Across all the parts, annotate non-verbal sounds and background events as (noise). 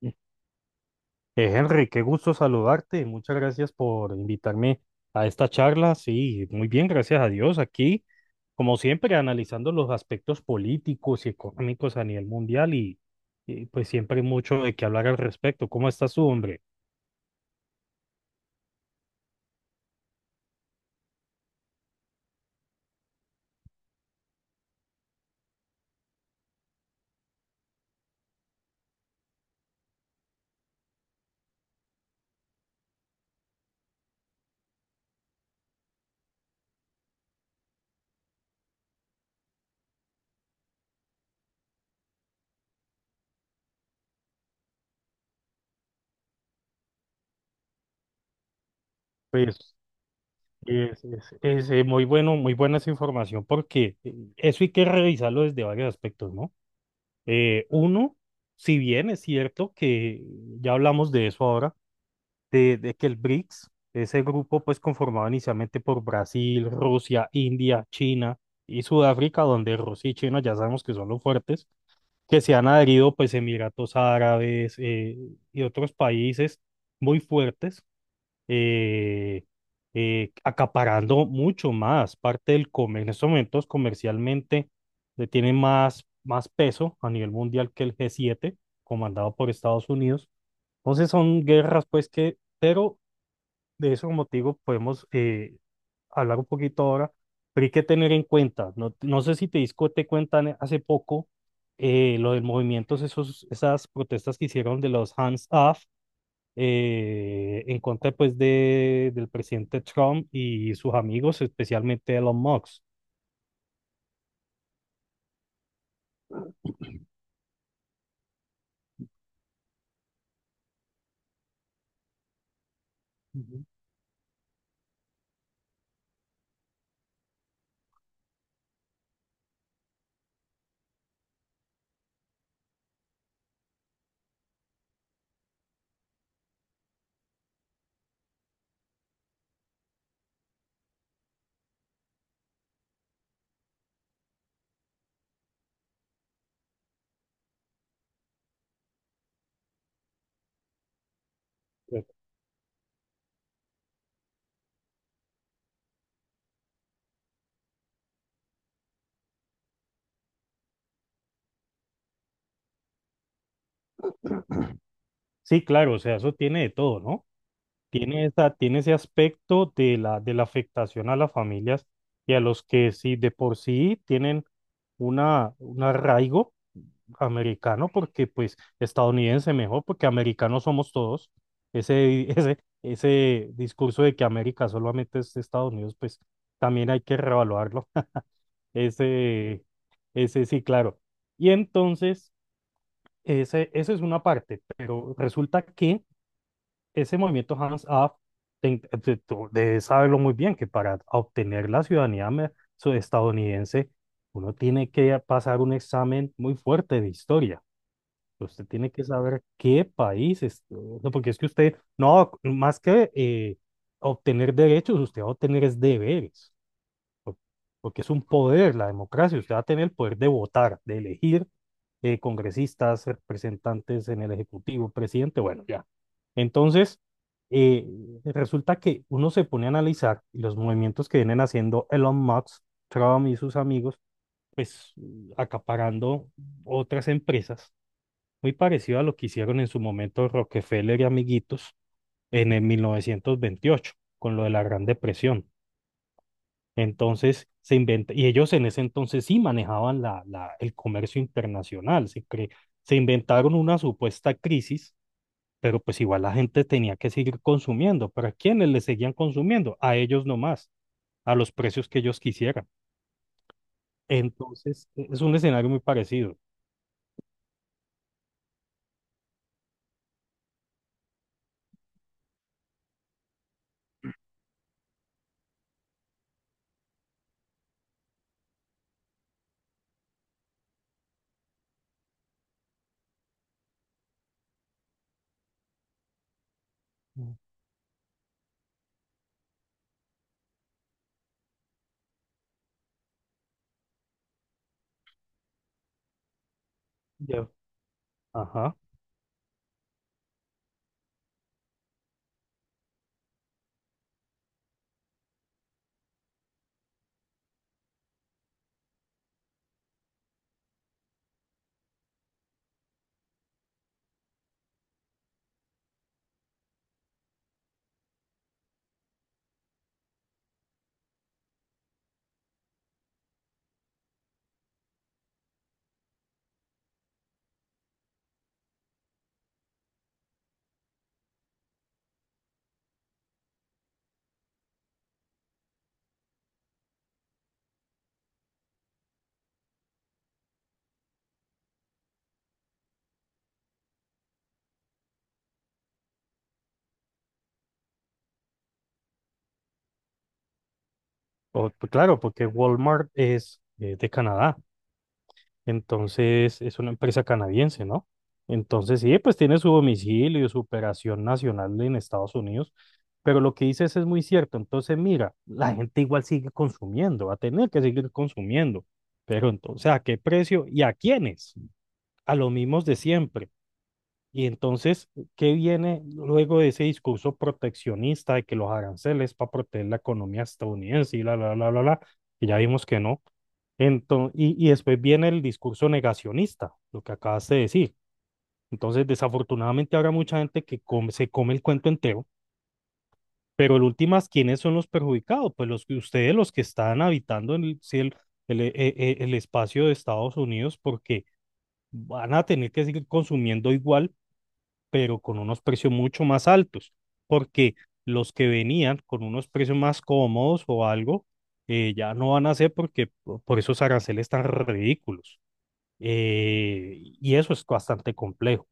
Eh, Henry, qué gusto saludarte. Muchas gracias por invitarme a esta charla. Sí, muy bien, gracias a Dios. Aquí, como siempre, analizando los aspectos políticos y económicos a nivel mundial y, pues siempre hay mucho de qué hablar al respecto. ¿Cómo estás tú, hombre? Pues es muy bueno, muy buena esa información porque eso hay que revisarlo desde varios aspectos, ¿no? Uno, si bien es cierto que ya hablamos de eso ahora de que el BRICS, ese grupo pues conformado inicialmente por Brasil, Rusia, India, China y Sudáfrica, donde Rusia y China ya sabemos que son los fuertes, que se han adherido pues Emiratos Árabes y otros países muy fuertes, eh, acaparando mucho más parte del comercio. En estos momentos comercialmente le tienen más peso a nivel mundial que el g siete comandado por Estados Unidos. Entonces son guerras pues que, pero de eso, como te digo, podemos hablar un poquito ahora, pero hay que tener en cuenta, no, no sé si te disco te cuentan hace poco lo del movimiento, esos, esas protestas que hicieron de los hands off en contra pues de, del presidente Trump y sus amigos, especialmente Elon Musk. Ujú. Sí, claro, o sea, eso tiene de todo, ¿no? Tiene esa, tiene ese aspecto de la afectación a las familias y a los que sí de por sí tienen una, un arraigo americano, porque pues estadounidense mejor, porque americanos somos todos. Ese, (laughs) ese discurso de que América solamente es Estados Unidos, pues también hay que reevaluarlo. (laughs) Ese, ese sí, claro. Y entonces, ese, esa es una parte, pero resulta que ese movimiento hands-off, tú debes saberlo muy bien, que para obtener la ciudadanía estadounidense, uno tiene que pasar un examen muy fuerte de historia. Usted tiene que saber qué país es, o sea, porque es que usted, no, más que obtener derechos, usted va a obtener es deberes por- porque es un poder la democracia. Usted va a tener el poder de votar, de elegir congresistas, representantes en el Ejecutivo, presidente, bueno, ya. Entonces, eh, resulta que uno se pone a analizar y los movimientos que vienen haciendo Elon Musk, Trump y sus amigos, pues acaparando otras empresas, muy parecido a lo que hicieron en su momento Rockefeller y amiguitos en el 1928, con lo de la Gran Depresión. Entonces se inventa, y ellos en ese entonces sí manejaban el comercio internacional, se inventaron una supuesta crisis, pero pues igual la gente tenía que seguir consumiendo. ¿Para quiénes le seguían consumiendo? A ellos nomás, a los precios que ellos quisieran. Entonces es un escenario muy parecido. Mm. Ya. Ajá. Pues claro, porque Walmart es de Canadá. Entonces, es una empresa canadiense, ¿no? Entonces, sí, pues tiene su domicilio, su operación nacional en Estados Unidos, pero lo que dices es muy cierto. Entonces, mira, la gente igual sigue consumiendo, va a tener que seguir consumiendo, pero entonces, ¿a qué precio y a quiénes? A los mismos de siempre. Y entonces, ¿qué viene luego de ese discurso proteccionista de que los aranceles para proteger la economía estadounidense y que ya vimos que no? Entonces, y después viene el discurso negacionista, lo que acabas de decir. Entonces, desafortunadamente habrá mucha gente que se come el cuento entero, pero en últimas, ¿quiénes son los perjudicados? Pues los que ustedes, los que están habitando en el, sí, el, e- e- el espacio de Estados Unidos, porque van a tener que seguir consumiendo igual pero con unos precios mucho más altos, porque los que venían con unos precios más cómodos o algo, ya no van a ser porque por esos aranceles tan ridículos. Y eso es bastante complejo.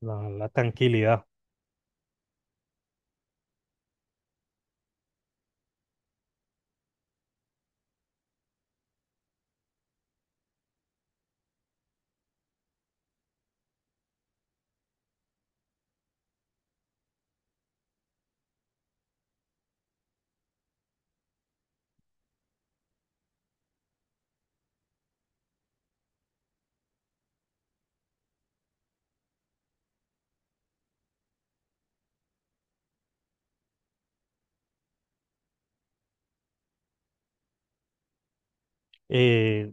La tranquilidad. Eh,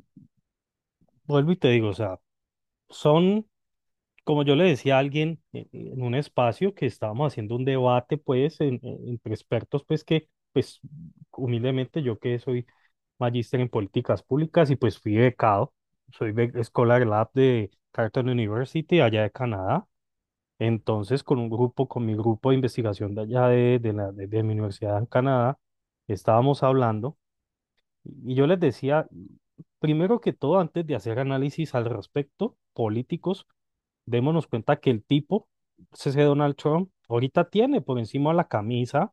vuelvo y te digo, o sea, son como yo le decía a alguien en un espacio que estábamos haciendo un debate, pues, entre expertos, pues, que, pues, humildemente yo que soy magíster en políticas públicas y pues fui becado, Scholar Lab de Carleton University, allá de Canadá. Entonces, con un grupo, con mi grupo de investigación de allá de de mi universidad en Canadá, estábamos hablando y yo les decía, primero que todo, antes de hacer análisis al respecto, políticos, démonos cuenta que el tipo, ese Donald Trump, ahorita tiene por encima la camisa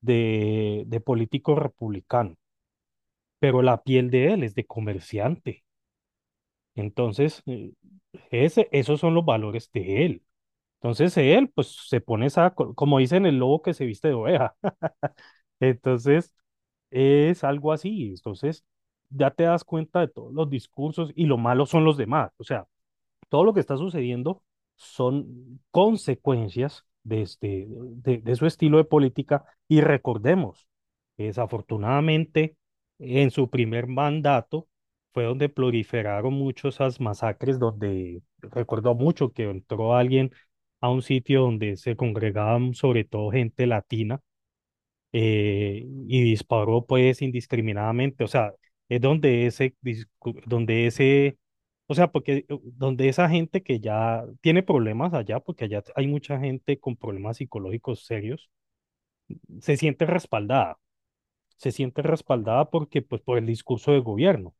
de político republicano, pero la piel de él es de comerciante. Entonces, ese, esos son los valores de él. Entonces, él, pues, se pone esa, como dicen, el lobo que se viste de oveja. (laughs) Entonces, es algo así. Entonces, ya te das cuenta de todos los discursos y lo malo son los demás. O sea, todo lo que está sucediendo son consecuencias de, este, de su estilo de política y recordemos, que desafortunadamente, en su primer mandato fue donde proliferaron mucho esas masacres, donde recordó mucho que entró alguien a un sitio donde se congregaban sobre todo gente latina y disparó pues indiscriminadamente, o sea, es donde ese, donde ese, o sea, porque donde esa gente que ya tiene problemas allá, porque allá hay mucha gente con problemas psicológicos serios, se siente respaldada, se siente respaldada porque, pues, por el discurso del gobierno.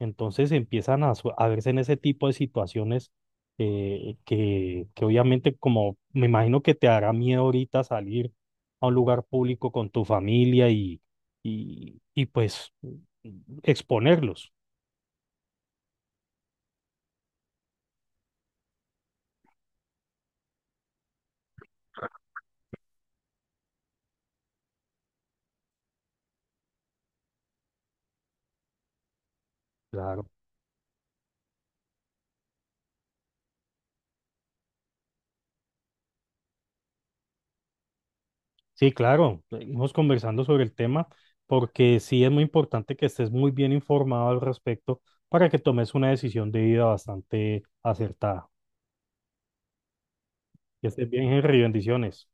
Entonces empiezan a, a verse en ese tipo de situaciones que obviamente, como me imagino que te hará miedo ahorita salir a un lugar público con tu familia y, y pues exponerlos. Claro. Sí, claro. Seguimos conversando sobre el tema porque sí es muy importante que estés muy bien informado al respecto para que tomes una decisión de vida bastante acertada. Que estés bien, Henry. Bendiciones.